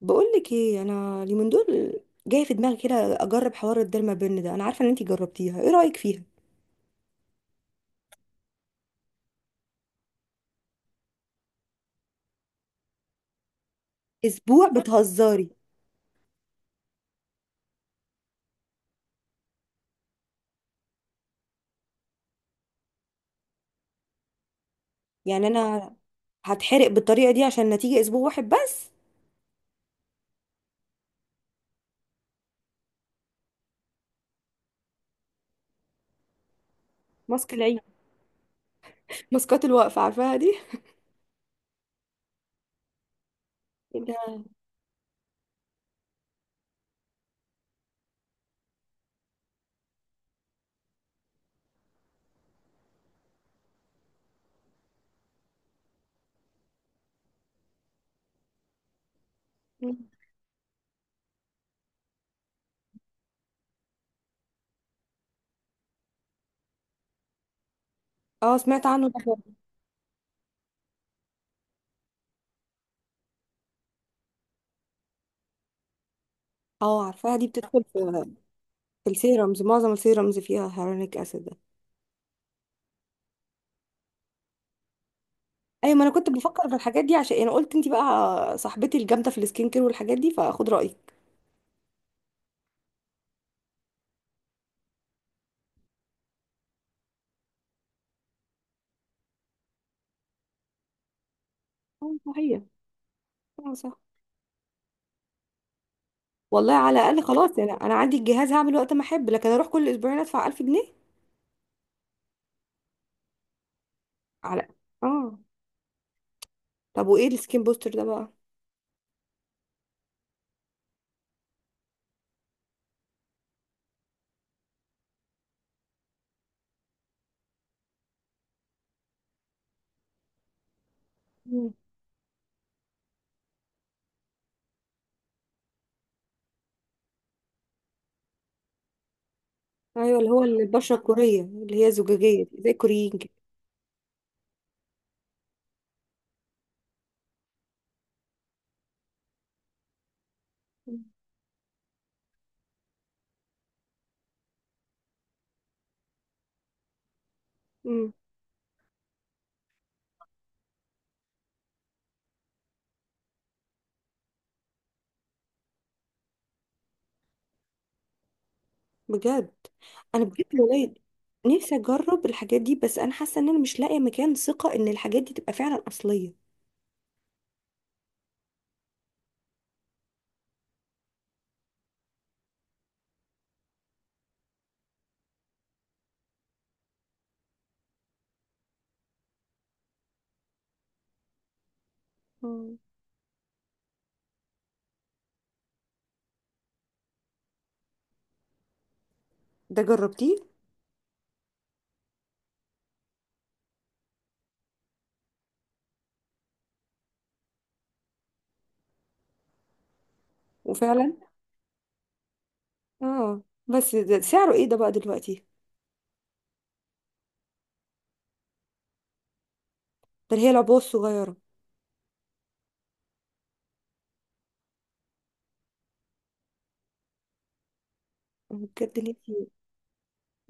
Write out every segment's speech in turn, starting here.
بقولك ايه، انا اليومين دول جاي في دماغي كده اجرب حوار الديرما بن ده. انا عارفه ان انتي جربتيها، ايه رايك فيها؟ اسبوع؟ بتهزري! يعني انا هتحرق بالطريقه دي عشان نتيجه اسبوع واحد بس؟ ماسك العيد. ماسكات الوقفه عارفاها دي. إيه ده- اه سمعت عنه ده. اه عارفاها دي، بتدخل في، في السيرمز. معظم السيرمز فيها هيرونيك اسيد ده. ايوه، ما انا كنت بفكر في الحاجات دي. عشان انا قلت انتي بقى صاحبتي الجامده في السكين كير والحاجات دي، فاخد رايك. اه صحيح. اه صح. والله على الاقل خلاص، يعني انا عندي الجهاز هعمل وقت ما احب، لكن اروح كل اسبوعين ادفع 1000 جنيه؟ على. اه. طب وايه السكين بوستر ده بقى؟ مم. ايوه، اللي هو البشره الكوريه اللي هي زجاجيه دي، زي الكوريين كده. مم. مم. بجد؟ انا بجد والله نفسي اجرب الحاجات دي، بس انا حاسه ان انا مش لاقيه مكان ثقه ان الحاجات دي تبقى فعلا اصليه. مم. ده جربتيه؟ وفعلا؟ اه بس ده سعره ايه ده بقى دلوقتي؟ ده اللي هي العبوه الصغيره؟ أنا بجد نفسي،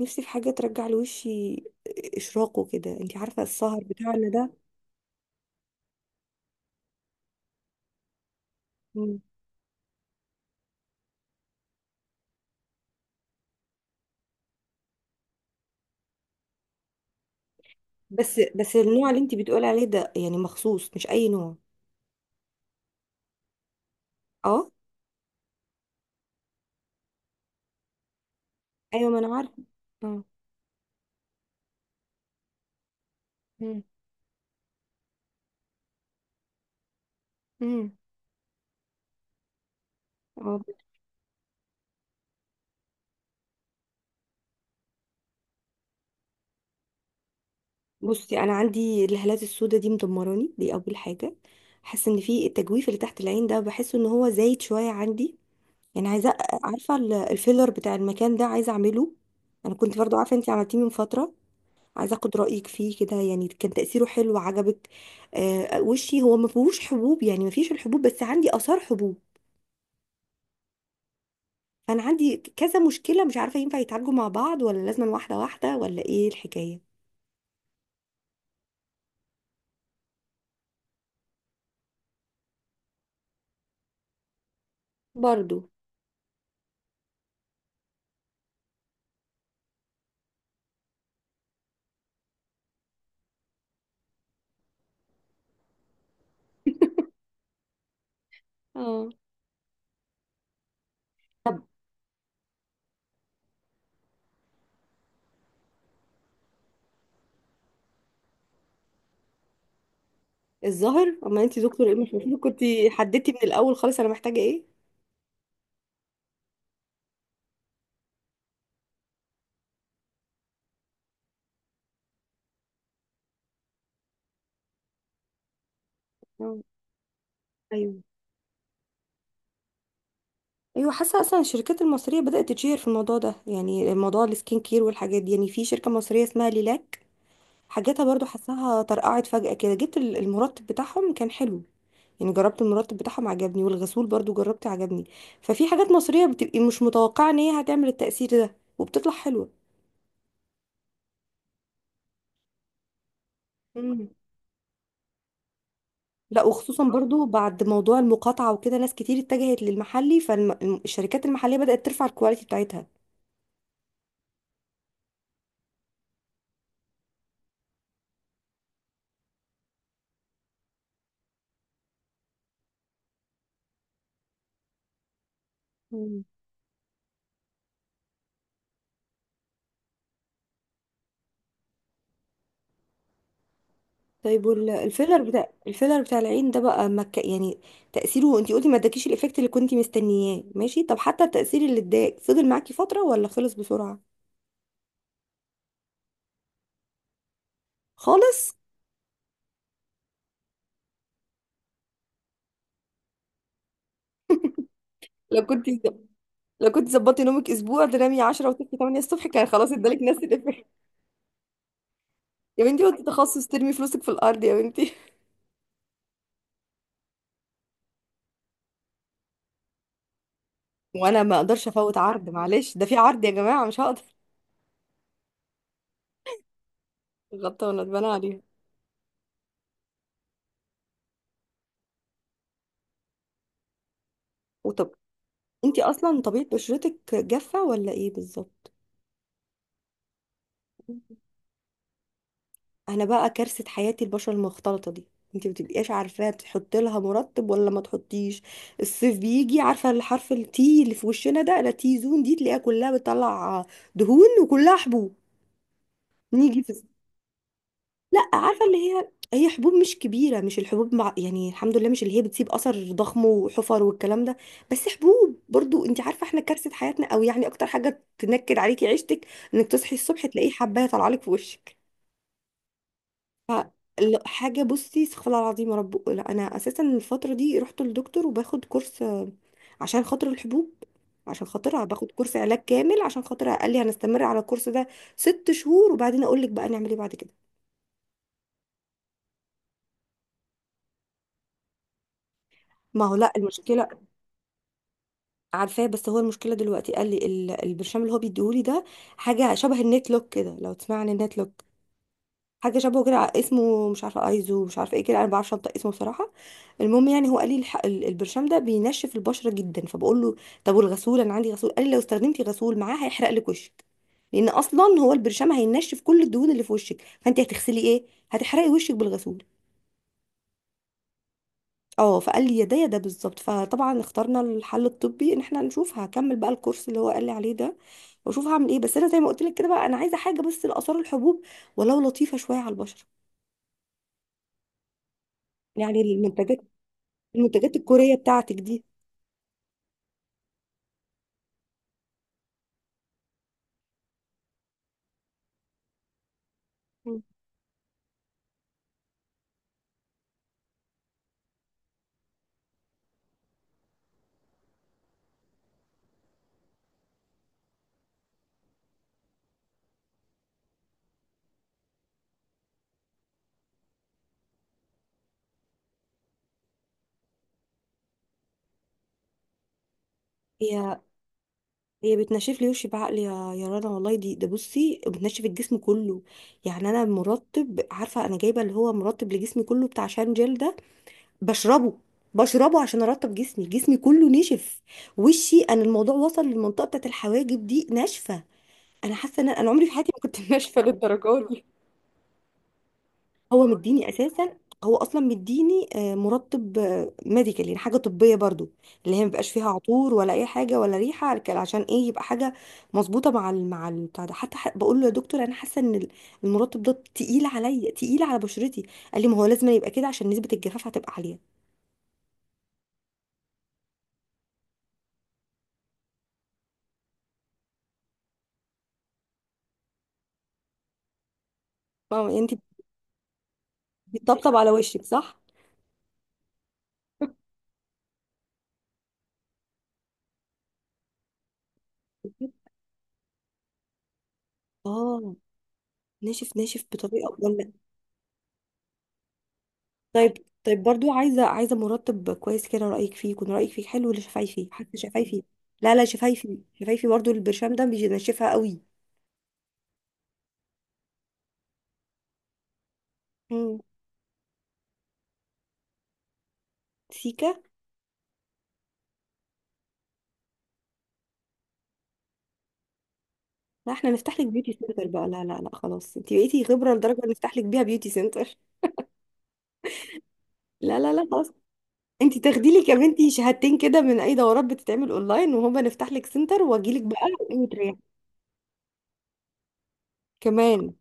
نفسي في حاجة ترجع لوشي إشراقه كده. انتي عارفة السهر بتاعنا ده. مم. بس النوع اللي انتي بتقولي عليه ده يعني مخصوص، مش أي نوع؟ اه. أيوة ما أنا عارفة. اه. مم. مم. اه. بصي أنا عندي الهالات السوداء دي مدمراني، دي أول حاجة. حاسة إن في التجويف اللي تحت العين ده، بحس إن هو زايد شوية عندي، يعني عايزة، عارفة الفيلر بتاع المكان ده، عايزة أعمله. أنا كنت برضو عارفة انتي عملتيه من فترة، عايزه اخد رايك فيه كده، يعني كان تاثيره حلو؟ عجبك؟ آه، وشي هو ما فيهوش حبوب، يعني ما فيش الحبوب، بس عندي اثار حبوب. فانا عندي كذا مشكله، مش عارفه ينفع يتعالجوا مع بعض ولا لازم واحده واحده، ولا ايه الحكايه؟ برضو. اه. الظاهر. اما انت دكتور، ايه مش المفروض كنت حددتي من الاول خالص انا محتاجه ايه؟ اه. ايوه. ايوه، حاسه اصلا الشركات المصريه بدات تتشهر في الموضوع ده، يعني موضوع السكين كير والحاجات دي. يعني في شركه مصريه اسمها ليلاك، حاجاتها برضو حاساها طرقعت فجأة كده. جبت المرطب بتاعهم كان حلو، يعني جربت المرطب بتاعهم عجبني، والغسول برضو جربت عجبني. ففي حاجات مصرية بتبقي مش متوقعة ان هي هتعمل التأثير ده وبتطلع حلوة. مم. لا، وخصوصا برضو بعد موضوع المقاطعة وكده ناس كتير اتجهت للمحلي، فالشركات المحلية بدأت ترفع الكواليتي بتاعتها. مم. طيب والفيلر، بتاع الفيلر بتاع العين ده بقى يعني تأثيره، انتي قلتي ما اداكيش الإفكت اللي كنتي مستنياه، ماشي. طب حتى التأثير اللي اداك، فضل معاكي فترة ولا خلص بسرعة؟ خالص؟ لو كنت لو كنت ظبطتي نومك اسبوع، تنامي 10 وتصحي 8 الصبح، كان خلاص ادالك نفس الافيه. يا بنتي، وانت تخصص ترمي فلوسك في الارض يا بنتي. وانا ما اقدرش افوت عرض، معلش ده في عرض يا جماعه، مش هقدر. غلطانه اتبنى عليها. وطب انت اصلا طبيعه بشرتك جافه ولا ايه بالظبط؟ انا بقى كارثه حياتي البشره المختلطه دي. انت ما بتبقيش عارفه تحط لها مرطب ولا ما تحطيش. الصيف بيجي، عارفه الحرف التي اللي في وشنا ده، لا تي زون دي، تلاقيها كلها بتطلع دهون وكلها حبوب. نيجي في. لا، عارفه اللي هي، هي حبوب مش كبيره، مش الحبوب يعني الحمد لله مش اللي هي بتسيب اثر ضخم وحفر والكلام ده. بس حبوب برضو، انت عارفه احنا كارثه حياتنا، او يعني اكتر حاجه تنكد عليكي عيشتك انك تصحي الصبح تلاقيه حبايه طالعه لك في وشك. لا حاجه. بصي استغفر الله العظيم، يا رب لا. انا اساسا الفتره دي رحت للدكتور وباخد كورس، عشان خاطر الحبوب، عشان خاطرها باخد كورس علاج كامل. عشان خاطرها قال لي هنستمر على الكورس ده ست شهور، وبعدين اقول لك بقى نعمل ايه بعد كده. ما هو لا، المشكله. عارفاه، بس هو المشكله دلوقتي قال لي البرشام اللي هو بيديهولي ده حاجه شبه النت لوك كده، لو تسمع عن النت لوك. حاجه شبهه كده، اسمه مش عارفه ايزو مش عارفه ايه كده، انا ما بعرفش انطق اسمه بصراحه. المهم يعني هو قال لي البرشام ده بينشف البشره جدا، فبقول له طب والغسول، انا عندي غسول. قال لي لو استخدمتي غسول معاه هيحرق لك وشك، لان اصلا هو البرشام هينشف كل الدهون اللي في وشك، فانت هتغسلي ايه؟ هتحرقي وشك بالغسول. اه. فقال لي يا ده يا ده بالظبط. فطبعا اخترنا الحل الطبي ان احنا نشوف، هكمل بقى الكورس اللي هو قال لي عليه ده، واشوف هعمل ايه. بس انا زي ما قلت لك كده بقى، انا عايزه حاجه بس لاثار الحبوب، ولو لطيفه شويه على البشره. يعني المنتجات، الكورية بتاعتك دي. مم. هي، بتنشف لي وشي بعقلي يا، يا رنا والله. دي ده بصي بتنشف الجسم كله. يعني انا مرطب، عارفه انا جايبه اللي هو مرطب لجسمي كله بتاع شان جل ده، بشربه، عشان ارطب جسمي، كله نشف. وشي انا الموضوع وصل للمنطقه بتاعت الحواجب دي ناشفه. انا حاسه ان انا، عمري في حياتي ما كنت ناشفه للدرجه دي. هو مديني اساسا، هو اصلا مديني مرطب ميديكال يعني حاجه طبيه برضو، اللي هي مبيبقاش فيها عطور ولا اي حاجه ولا ريحه عشان ايه يبقى حاجه مظبوطه مع... ال... مع ال- بتاع ده. حتى بقول له يا دكتور، انا حاسه ان المرطب ده تقيل عليا، تقيل على بشرتي. قال لي ما هو لازم يبقى كده عشان نسبه الجفاف هتبقى عاليه. فاهمه يعني انت بتطبطب على وشك صح. اه. ناشف ناشف بطريقه ولا؟ طيب. طيب برضو عايزه، مرتب كويس كده رايك فيه، يكون رايك فيه حلو. ولا شفايفي، حتى شفايفي. لا لا، شفايفي، برضو البرشام ده بينشفها قوي. امم. سيكا. لا احنا نفتح لك بيوتي سنتر بقى. لا خلاص، انت بقيتي خبره لدرجه نفتح لك بيها بيوتي سنتر. لا خلاص، انت تاخدي لك يا بنتي شهادتين كده من اي دورات بتتعمل اونلاين، وهما نفتح لك سنتر واجي لك بقى. وتريح كمان.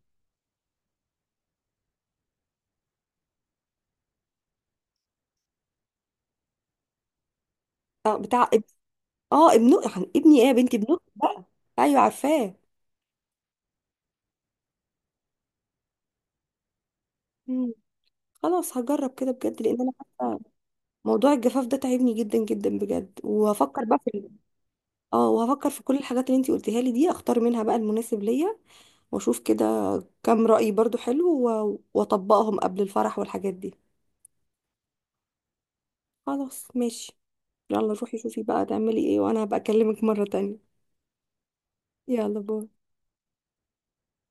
اه. اه ابن، ايه يا بنتي، ابن أختي بقى. ايوه عارفاه. مم. خلاص هجرب كده بجد، لان انا حاسة موضوع الجفاف ده تعبني جدا جدا بجد. وهفكر بقى في اه، وهفكر في كل الحاجات اللي انتي قلتيها لي دي، اختار منها بقى المناسب ليا واشوف كده. كام رأي برضو حلو واطبقهم قبل الفرح والحاجات دي. خلاص ماشي. يلا روحي شوفي بقى تعملي ايه، وانا هبقى اكلمك مرة تانية. يلا باي.